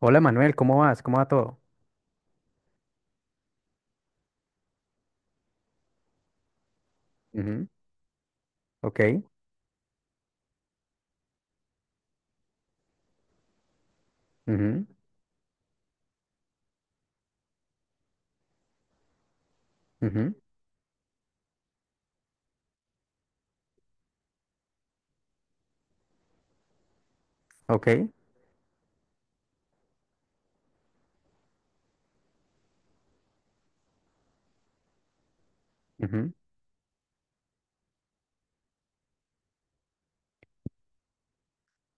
Hola Manuel, ¿cómo vas? ¿Cómo va todo? Ujú. Ok. Ujú, ujú, ok. Ujú.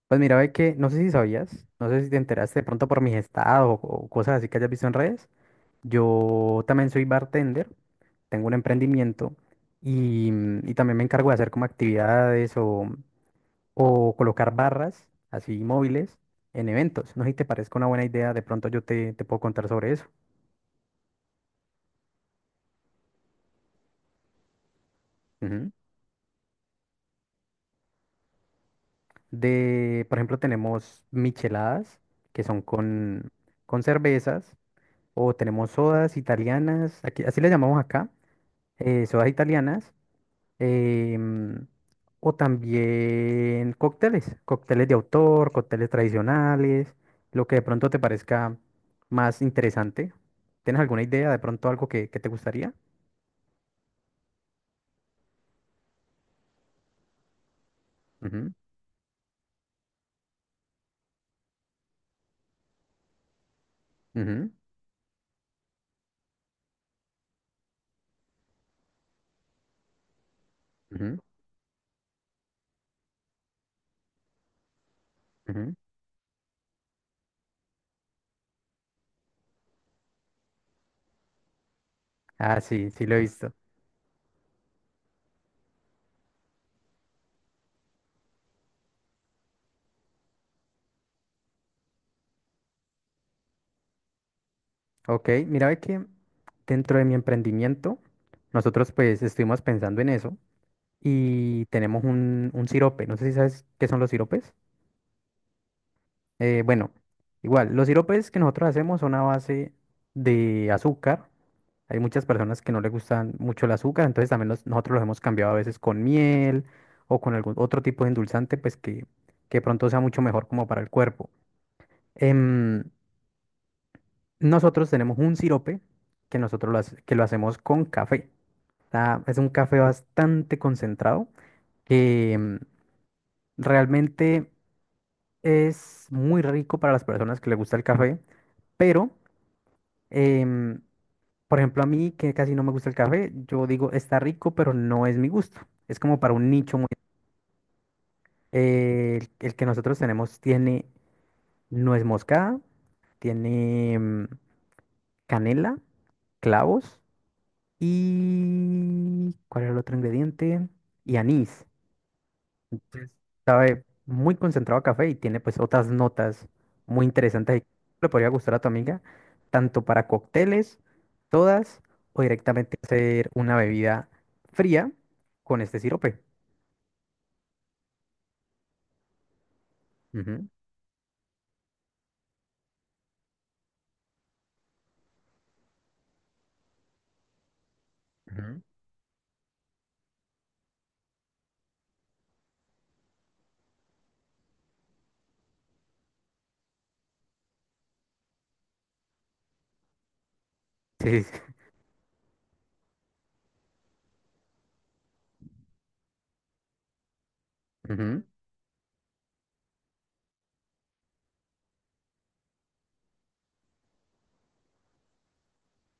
Pues mira, ve que no sé si sabías, no sé si te enteraste de pronto por mis estados o cosas así que hayas visto en redes. Yo también soy bartender, tengo un emprendimiento y, y también me encargo de hacer como actividades o colocar barras así móviles en eventos. No sé si te parezca una buena idea, de pronto yo te, te puedo contar sobre eso. De, por ejemplo, tenemos micheladas, que son con cervezas, o tenemos sodas italianas, aquí, así le llamamos acá, sodas italianas, em, o también cócteles, cócteles de autor, cócteles tradicionales, lo que de pronto te parezca más interesante. ¿Tienes alguna idea de pronto algo que te gustaría? Ujú, ujú, ujú, ujú. Ah, sí, sí lo he visto. Ok, mira ve que dentro de mi emprendimiento, nosotros pues estuvimos pensando en eso y tenemos un sirope. No sé si sabes qué son los siropes. Bueno, igual, los siropes que nosotros hacemos son a base de azúcar. Hay muchas personas que no les gustan mucho el azúcar, entonces también los- nosotros los hemos cambiado a veces con miel o con algún otro tipo de endulzante, pues que pronto sea mucho mejor como para el cuerpo. Em, Nosotros tenemos un sirope que nosotros lo, hace- que lo hacemos con café. Está- es un café bastante concentrado que realmente es muy rico para las personas que les gusta el café, pero, em, por ejemplo, a mí que casi no me gusta el café, yo digo, está rico, pero no es mi gusto. Es como para un nicho muy... el que nosotros tenemos tiene nuez moscada, tiene canela, clavos. ¿Y cuál era el otro ingrediente? Y anís. Entonces, sabe muy concentrado a café y tiene pues otras notas muy interesantes que le podría gustar a tu amiga, tanto para cócteles, todas, o directamente hacer una bebida fría con este sirope. Ujú, ujú. Sí, sí, sí. Ujú,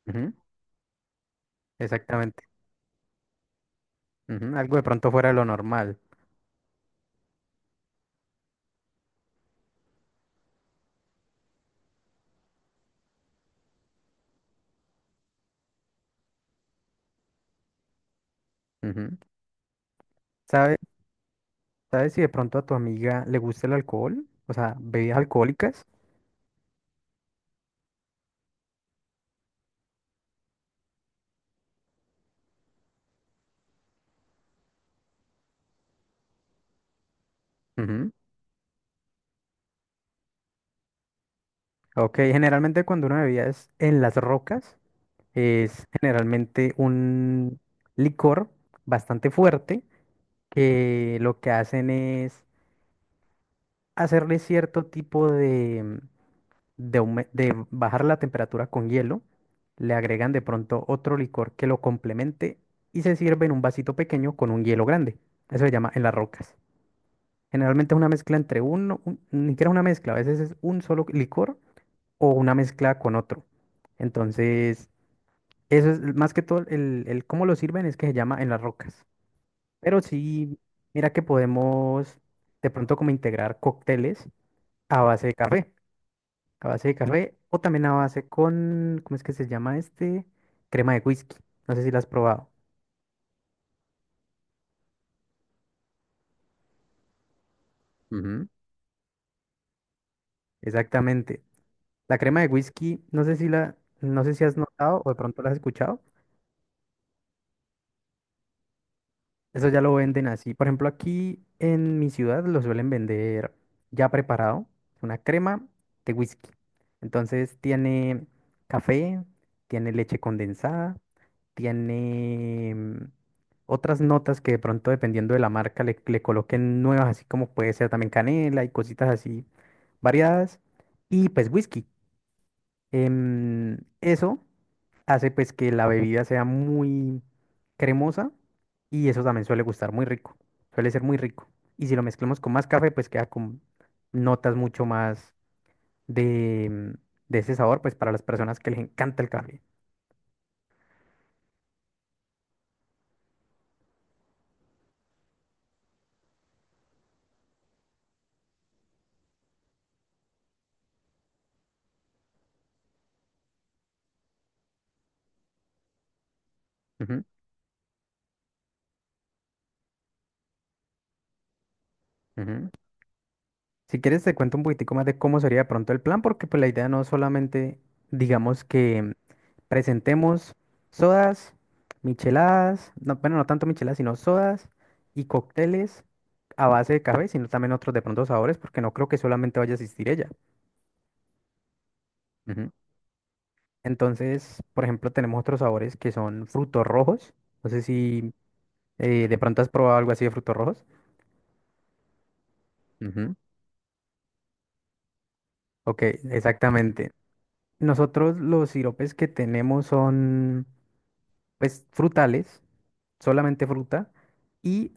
ujú, exactamente. Ujú, algo de pronto fuera de lo normal. Ujú. ¿Sabe- ¿Sabes si de pronto a tu amiga le gusta el alcohol? O sea, bebidas alcohólicas. Ok, generalmente cuando uno bebía es en las rocas, es generalmente un licor bastante fuerte que lo que hacen es hacerle cierto tipo de, aume- de bajar la temperatura con hielo, le agregan de pronto otro licor que lo complemente y se sirve en un vasito pequeño con un hielo grande. Eso se llama en las rocas. Generalmente es una mezcla entre uno, un- ni siquiera una mezcla, a veces es un solo licor o una mezcla con otro. Entonces... Eso es más que todo el cómo lo sirven es que se llama en las rocas. Pero sí, mira que podemos de pronto como integrar cócteles a base de café, a base de café o también a base con, ¿cómo es que se llama este? Crema de whisky. No sé si la has probado. Ujú. Exactamente. La crema de whisky, no sé si la, no sé si has notado o de pronto la has escuchado. Eso ya lo venden así. Por ejemplo, aquí en mi ciudad lo suelen vender ya preparado, una crema de whisky. Entonces tiene café, tiene leche condensada, tiene otras notas que de pronto dependiendo de la marca le, le coloquen nuevas, así como puede ser también canela y cositas así variadas. Y pues whisky. Eso hace pues que la bebida sea muy cremosa y eso también suele gustar muy rico, suele ser muy rico. Y si lo mezclamos con más café, pues queda con notas mucho más de, de ese sabor, pues para las personas que les encanta el café. Ujú, ujú. Si quieres, te cuento un poquitico más de cómo sería de pronto el plan, porque pues la idea no es solamente, digamos que presentemos sodas, micheladas, no, bueno, no tanto micheladas, sino sodas y cócteles a base de café, sino también otros de pronto sabores, porque no creo que solamente vaya a existir ella. Ujú. Entonces, por ejemplo, tenemos otros sabores que son frutos rojos. No sé si de pronto has probado algo así de frutos rojos. Ujú. Ok, exactamente. Nosotros los siropes que tenemos son, pues, frutales, solamente fruta, y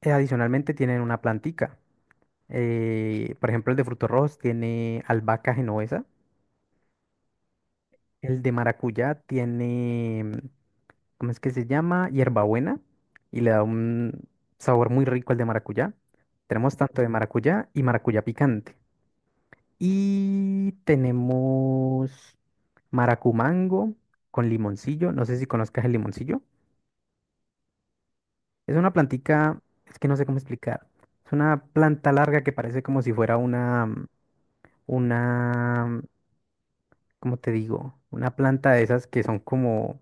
adicionalmente tienen una plantica. Por ejemplo, el de frutos rojos tiene albahaca genovesa. El de maracuyá tiene, ¿cómo es que se llama? Hierbabuena. Y le da un sabor muy rico al de maracuyá. Tenemos tanto de maracuyá y maracuyá picante. Y tenemos maracumango con limoncillo. No sé si conozcas el limoncillo. Es una plantica, es que no sé cómo explicar. Es una planta larga que parece como si fuera una como te digo, una planta de esas que son como,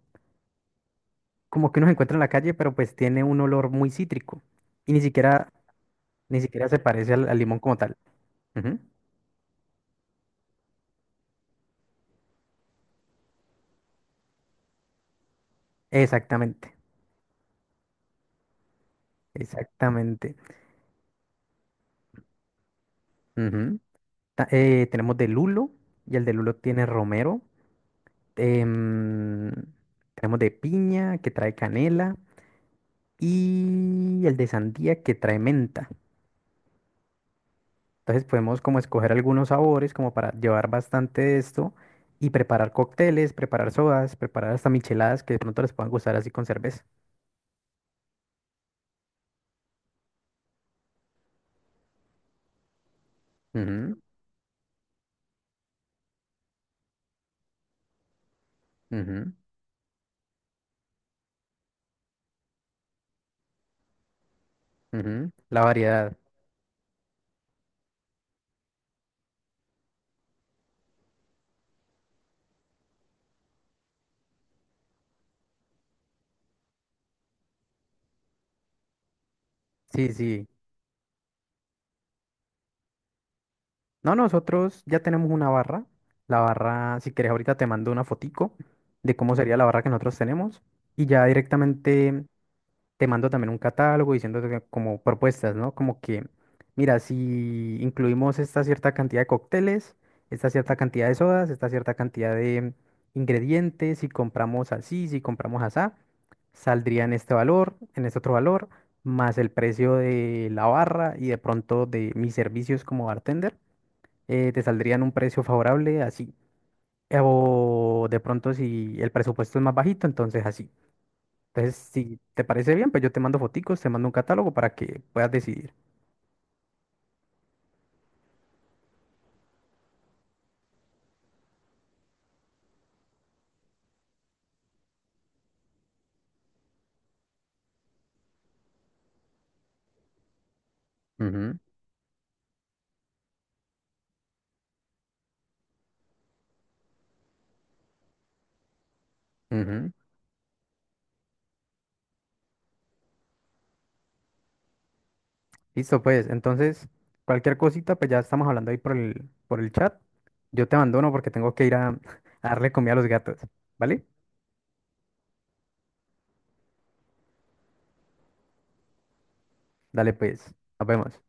como que uno se encuentra en la calle, pero pues tiene un olor muy cítrico y ni siquiera, ni siquiera se parece al, al limón como tal. Ujú. Exactamente, exactamente. Ujú. Ta- tenemos de lulo y el de lulo tiene romero. em, tenemos de piña que trae canela y el de sandía que trae menta. Entonces podemos como escoger algunos sabores como para llevar bastante de esto y preparar cócteles, preparar sodas, preparar hasta micheladas que de pronto les puedan gustar así con cerveza. Ujú, ujú, ujú. La variedad. Sí, sí. No, nosotros ya tenemos una barra. La barra, si quieres ahorita te mando una fotico de cómo sería la barra que nosotros tenemos y ya directamente te mando también un catálogo diciéndote que- como propuestas, ¿no? Como que, mira, si incluimos esta cierta cantidad de cócteles, esta cierta cantidad de sodas, esta cierta cantidad de ingredientes, si compramos así, si compramos asá, saldría en este valor, en este otro valor, más el precio de la barra y de pronto de mis servicios como bartender, te saldrían un precio favorable así. Eh, O de pronto si el presupuesto es más bajito, entonces así. Entonces, si te parece bien, pues yo te mando foticos, te mando un catálogo para que puedas decidir. Ujú, ujú. Listo, pues. Entonces, cualquier cosita, pues ya estamos hablando ahí por el chat. Yo te abandono porque tengo que ir a, a darle comida a los gatos. ¿Vale? Dale, pues. Nos vemos.